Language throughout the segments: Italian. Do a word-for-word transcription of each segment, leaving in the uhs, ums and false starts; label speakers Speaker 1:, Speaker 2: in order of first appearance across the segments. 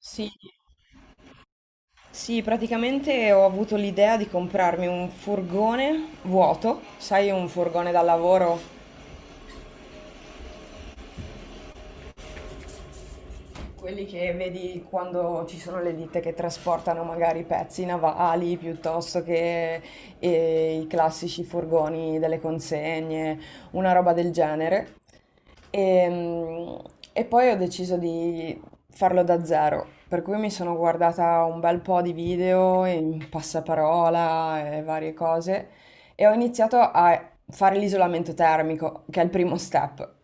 Speaker 1: Sì, sì, praticamente ho avuto l'idea di comprarmi un furgone vuoto, sai, un furgone da lavoro. Quelli che vedi quando ci sono le ditte che trasportano magari pezzi navali piuttosto che eh, i classici furgoni delle consegne, una roba del genere. E, e poi ho deciso di farlo da zero, per cui mi sono guardata un bel po' di video in passaparola e varie cose e ho iniziato a fare l'isolamento termico, che è il primo step.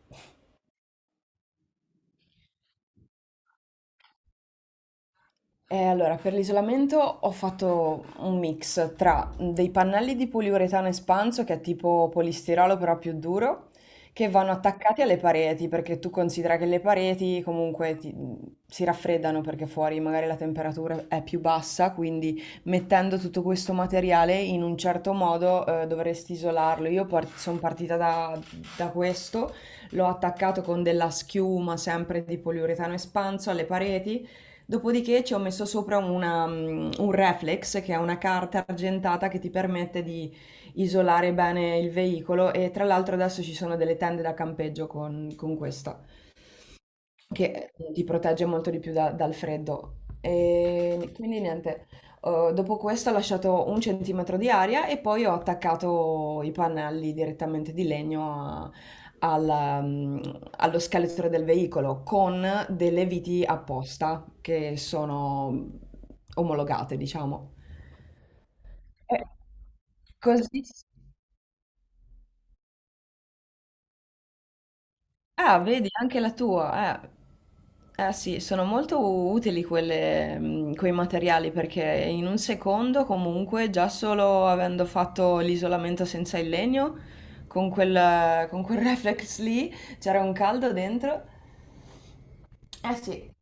Speaker 1: Eh, allora, per l'isolamento ho fatto un mix tra dei pannelli di poliuretano espanso, che è tipo polistirolo però più duro, che vanno attaccati alle pareti, perché tu considera che le pareti comunque ti- si raffreddano perché fuori magari la temperatura è più bassa, quindi mettendo tutto questo materiale in un certo modo eh, dovresti isolarlo. Io sono partita da, da questo, l'ho attaccato con della schiuma sempre di poliuretano espanso alle pareti. Dopodiché ci ho messo sopra una, mm, un reflex, che è una carta argentata che ti permette di isolare bene il veicolo e tra l'altro adesso ci sono delle tende da campeggio con, con questo. Che, mhmm, ti protegge molto di più da dal freddo. Ehm, quindi niente, uhm, dopo questo ho lasciato un centimetro di aria e poi ho attaccato i pannelli direttamente di legno a alla mhmm, allo scheletro del veicolo con delle viti apposta che sono omologate, diciamo. Eh, Così. Ah, vedi, anche la tua. Eh. Eh sì, sono molto utili quelle, mh, quei materiali perché in un secondo comunque già solo avendo fatto l'isolamento senza il legno, con quel, con quel reflex lì c'era un caldo dentro. Eh sì.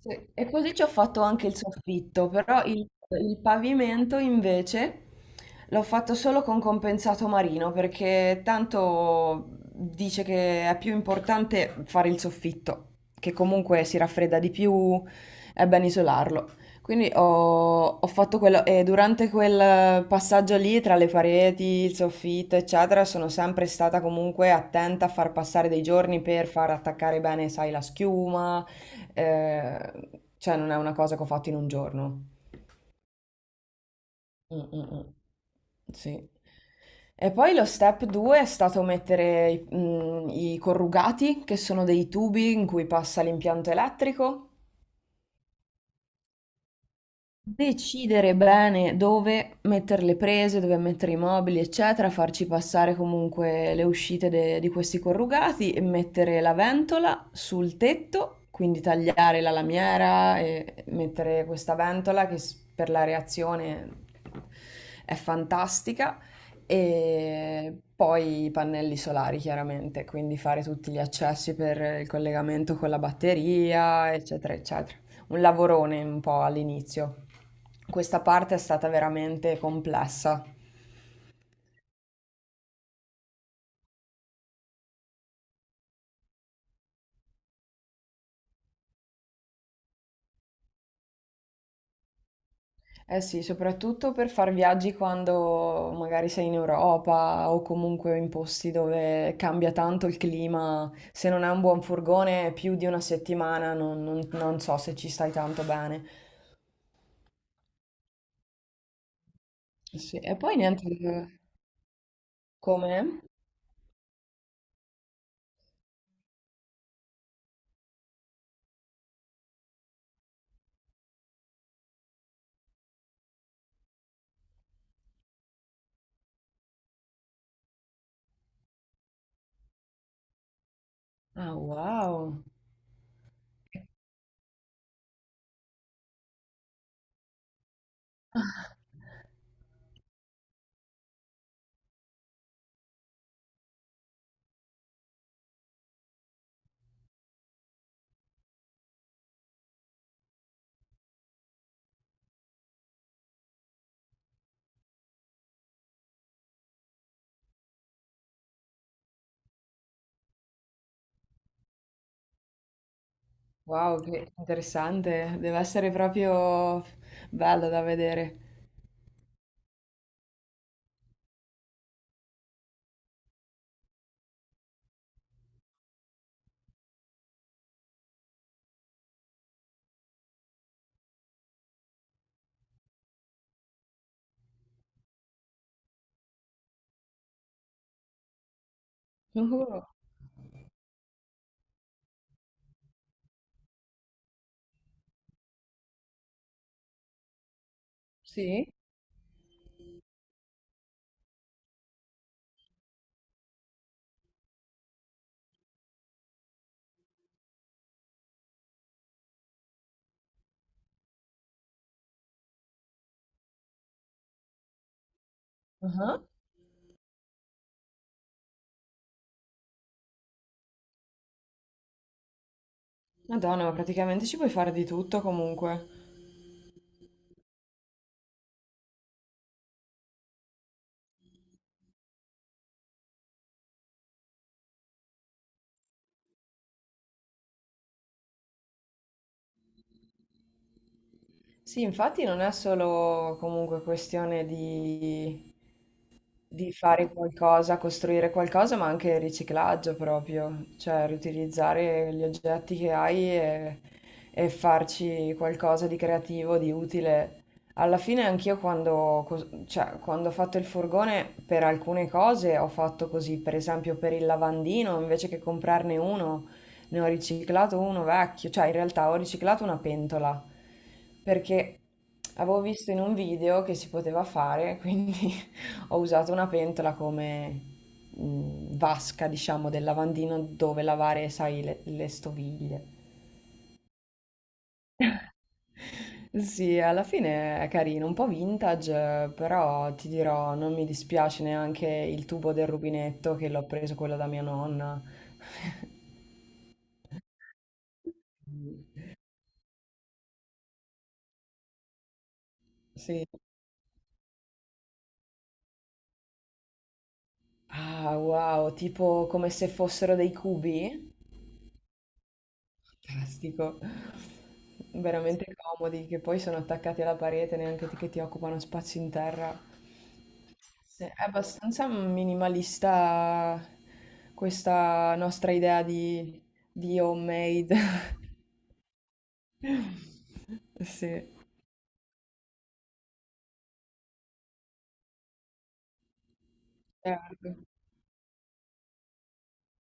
Speaker 1: Sì, e così ci ho fatto anche il soffitto, però il, il pavimento invece l'ho fatto solo con compensato marino perché tanto dice che è più importante fare il soffitto, che comunque si raffredda di più, è ben isolarlo. Quindi ho, ho fatto quello e durante quel passaggio lì tra le pareti, il soffitto, eccetera, sono sempre stata comunque attenta a far passare dei giorni per far attaccare bene, sai, la schiuma. Ehm, cioè non è una cosa che ho fatto in un giorno. Mh, mh, mh. Sì. E poi lo step due è stato mettere i, mh, i corrugati, che sono dei tubi in cui passa l'impianto elettrico. Decidere bene dove mettere le prese, dove mettere i mobili, eccetera, farci passare comunque le uscite de- di questi corrugati e mettere la ventola sul tetto, quindi tagliare la lamiera e mettere questa ventola che s- per la reazione è fantastica. E poi i pannelli solari, chiaramente, quindi fare tutti gli accessi per il collegamento con la batteria, eccetera, eccetera, un lavorone un po' all'inizio. Questa parte è stata veramente complessa. Eh sì, soprattutto per far viaggi quando magari sei in Europa o comunque in posti dove cambia tanto il clima. Se non hai un buon furgone, più di una settimana non, non- non so se ci stai tanto bene. Sì, e poi niente, come? Ah, wow. Wow, che interessante. Deve essere proprio bello da vedere. Uh, sì. Ah, Madonna, ma praticamente ci puoi fare di tutto comunque. Sì, infatti non è solo comunque questione di di fare qualcosa, costruire qualcosa, ma anche riciclaggio proprio, cioè riutilizzare gli oggetti che hai e, e farci qualcosa di creativo, di utile. Alla fine anch'io quando, cos- cioè, quando ho fatto il furgone per alcune cose ho fatto così, per esempio per il lavandino, invece che comprarne uno, ne ho riciclato uno vecchio, cioè in realtà ho riciclato una pentola perché avevo visto in un video che si poteva fare, quindi ho usato una pentola come, mhmm, vasca, diciamo, del lavandino dove lavare, sai, le le stoviglie. Sì, alla fine è carino, un po' vintage, eh, però ti dirò, non mi dispiace neanche il tubo del rubinetto che l'ho preso quello da mia nonna. Sì. Ah, wow, tipo come se fossero dei cubi? Fantastico. Veramente comodi, che poi sono attaccati alla parete, neanche ti- che ti occupano spazio in terra. Sì, è abbastanza minimalista questa nostra idea di, di homemade. Sì, certo,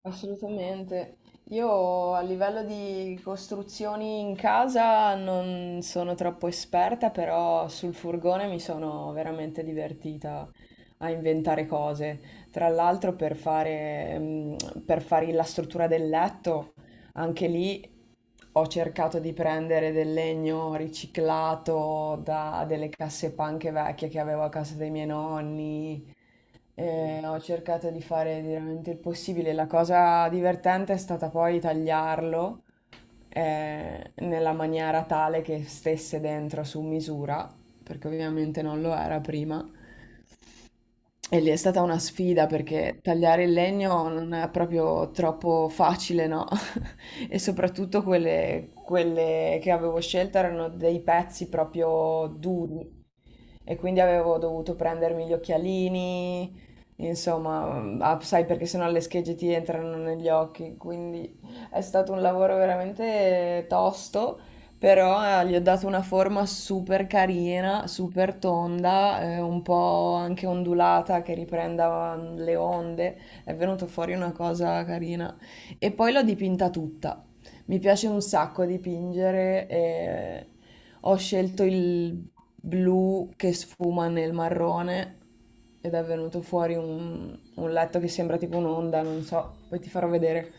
Speaker 1: assolutamente. Io a livello di costruzioni in casa non sono troppo esperta, però sul furgone mi sono veramente divertita a inventare cose. Tra l'altro per fare, mm, per fare la struttura del letto, anche lì ho cercato di prendere del legno riciclato da delle casse panche vecchie che avevo a casa dei miei nonni. E ho cercato di fare veramente il possibile. La cosa divertente è stata poi tagliarlo eh, nella maniera tale che stesse dentro su misura, perché ovviamente non lo era prima. E lì è stata una sfida perché tagliare il legno non è proprio troppo facile, no? E soprattutto quelle, quelle che avevo scelto erano dei pezzi proprio duri e quindi avevo dovuto prendermi gli occhialini, insomma, mm, ah, sai perché sennò le schegge ti entrano negli occhi, quindi è stato un lavoro veramente tosto, però eh, gli ho dato una forma super carina, super tonda, eh, un po' anche ondulata che riprenda mm, le onde. È venuto fuori una cosa carina. E poi l'ho dipinta tutta. Mi piace un sacco dipingere. E ho scelto il blu che sfuma nel marrone ed è venuto fuori un, un letto che sembra tipo un'onda, non so, poi ti farò vedere.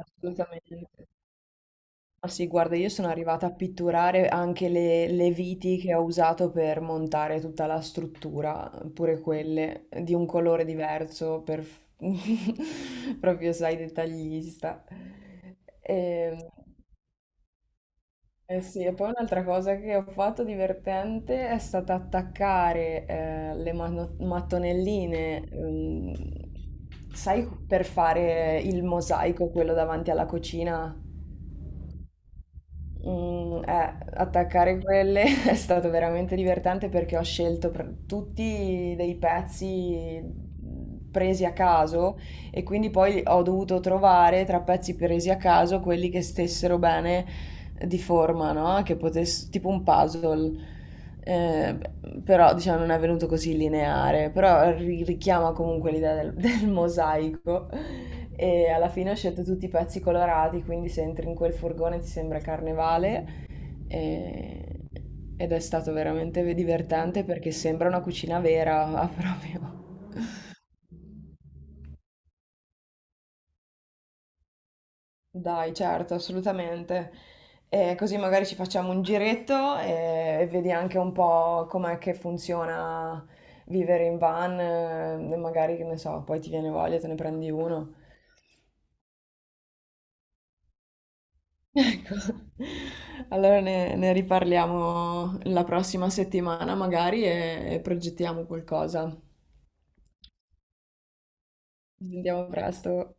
Speaker 1: Assolutamente. Ma sì, guarda, io sono arrivata a pitturare anche le, le viti che ho usato per montare tutta la struttura, pure quelle di un colore diverso, per... proprio, sai, dettaglista. E, eh sì, e poi un'altra cosa che ho fatto divertente è stata attaccare eh, le mano- mattonelline, ehm, sai, per fare il mosaico, quello davanti alla cucina. Mm, eh, attaccare quelle è stato veramente divertente perché ho scelto pr- tutti dei pezzi mm, presi a caso e quindi poi ho dovuto trovare tra pezzi presi a caso quelli che stessero bene di forma, no? Che potesse, tipo un puzzle. Eh, però diciamo non è venuto così lineare, però ri- richiama comunque l'idea del- il mosaico e alla fine ho scelto tutti i pezzi colorati, quindi se entri in quel furgone ti sembra carnevale e- ed è stato veramente divertente perché sembra una cucina vera proprio. Dai, certo, assolutamente. E così magari ci facciamo un giretto e, e vedi anche un po' com'è che funziona vivere in van, eh, magari che ne so, poi ti viene voglia, te ne prendi uno. Ecco, allora ne, ne riparliamo la prossima settimana magari e, e progettiamo qualcosa. Ci sentiamo presto.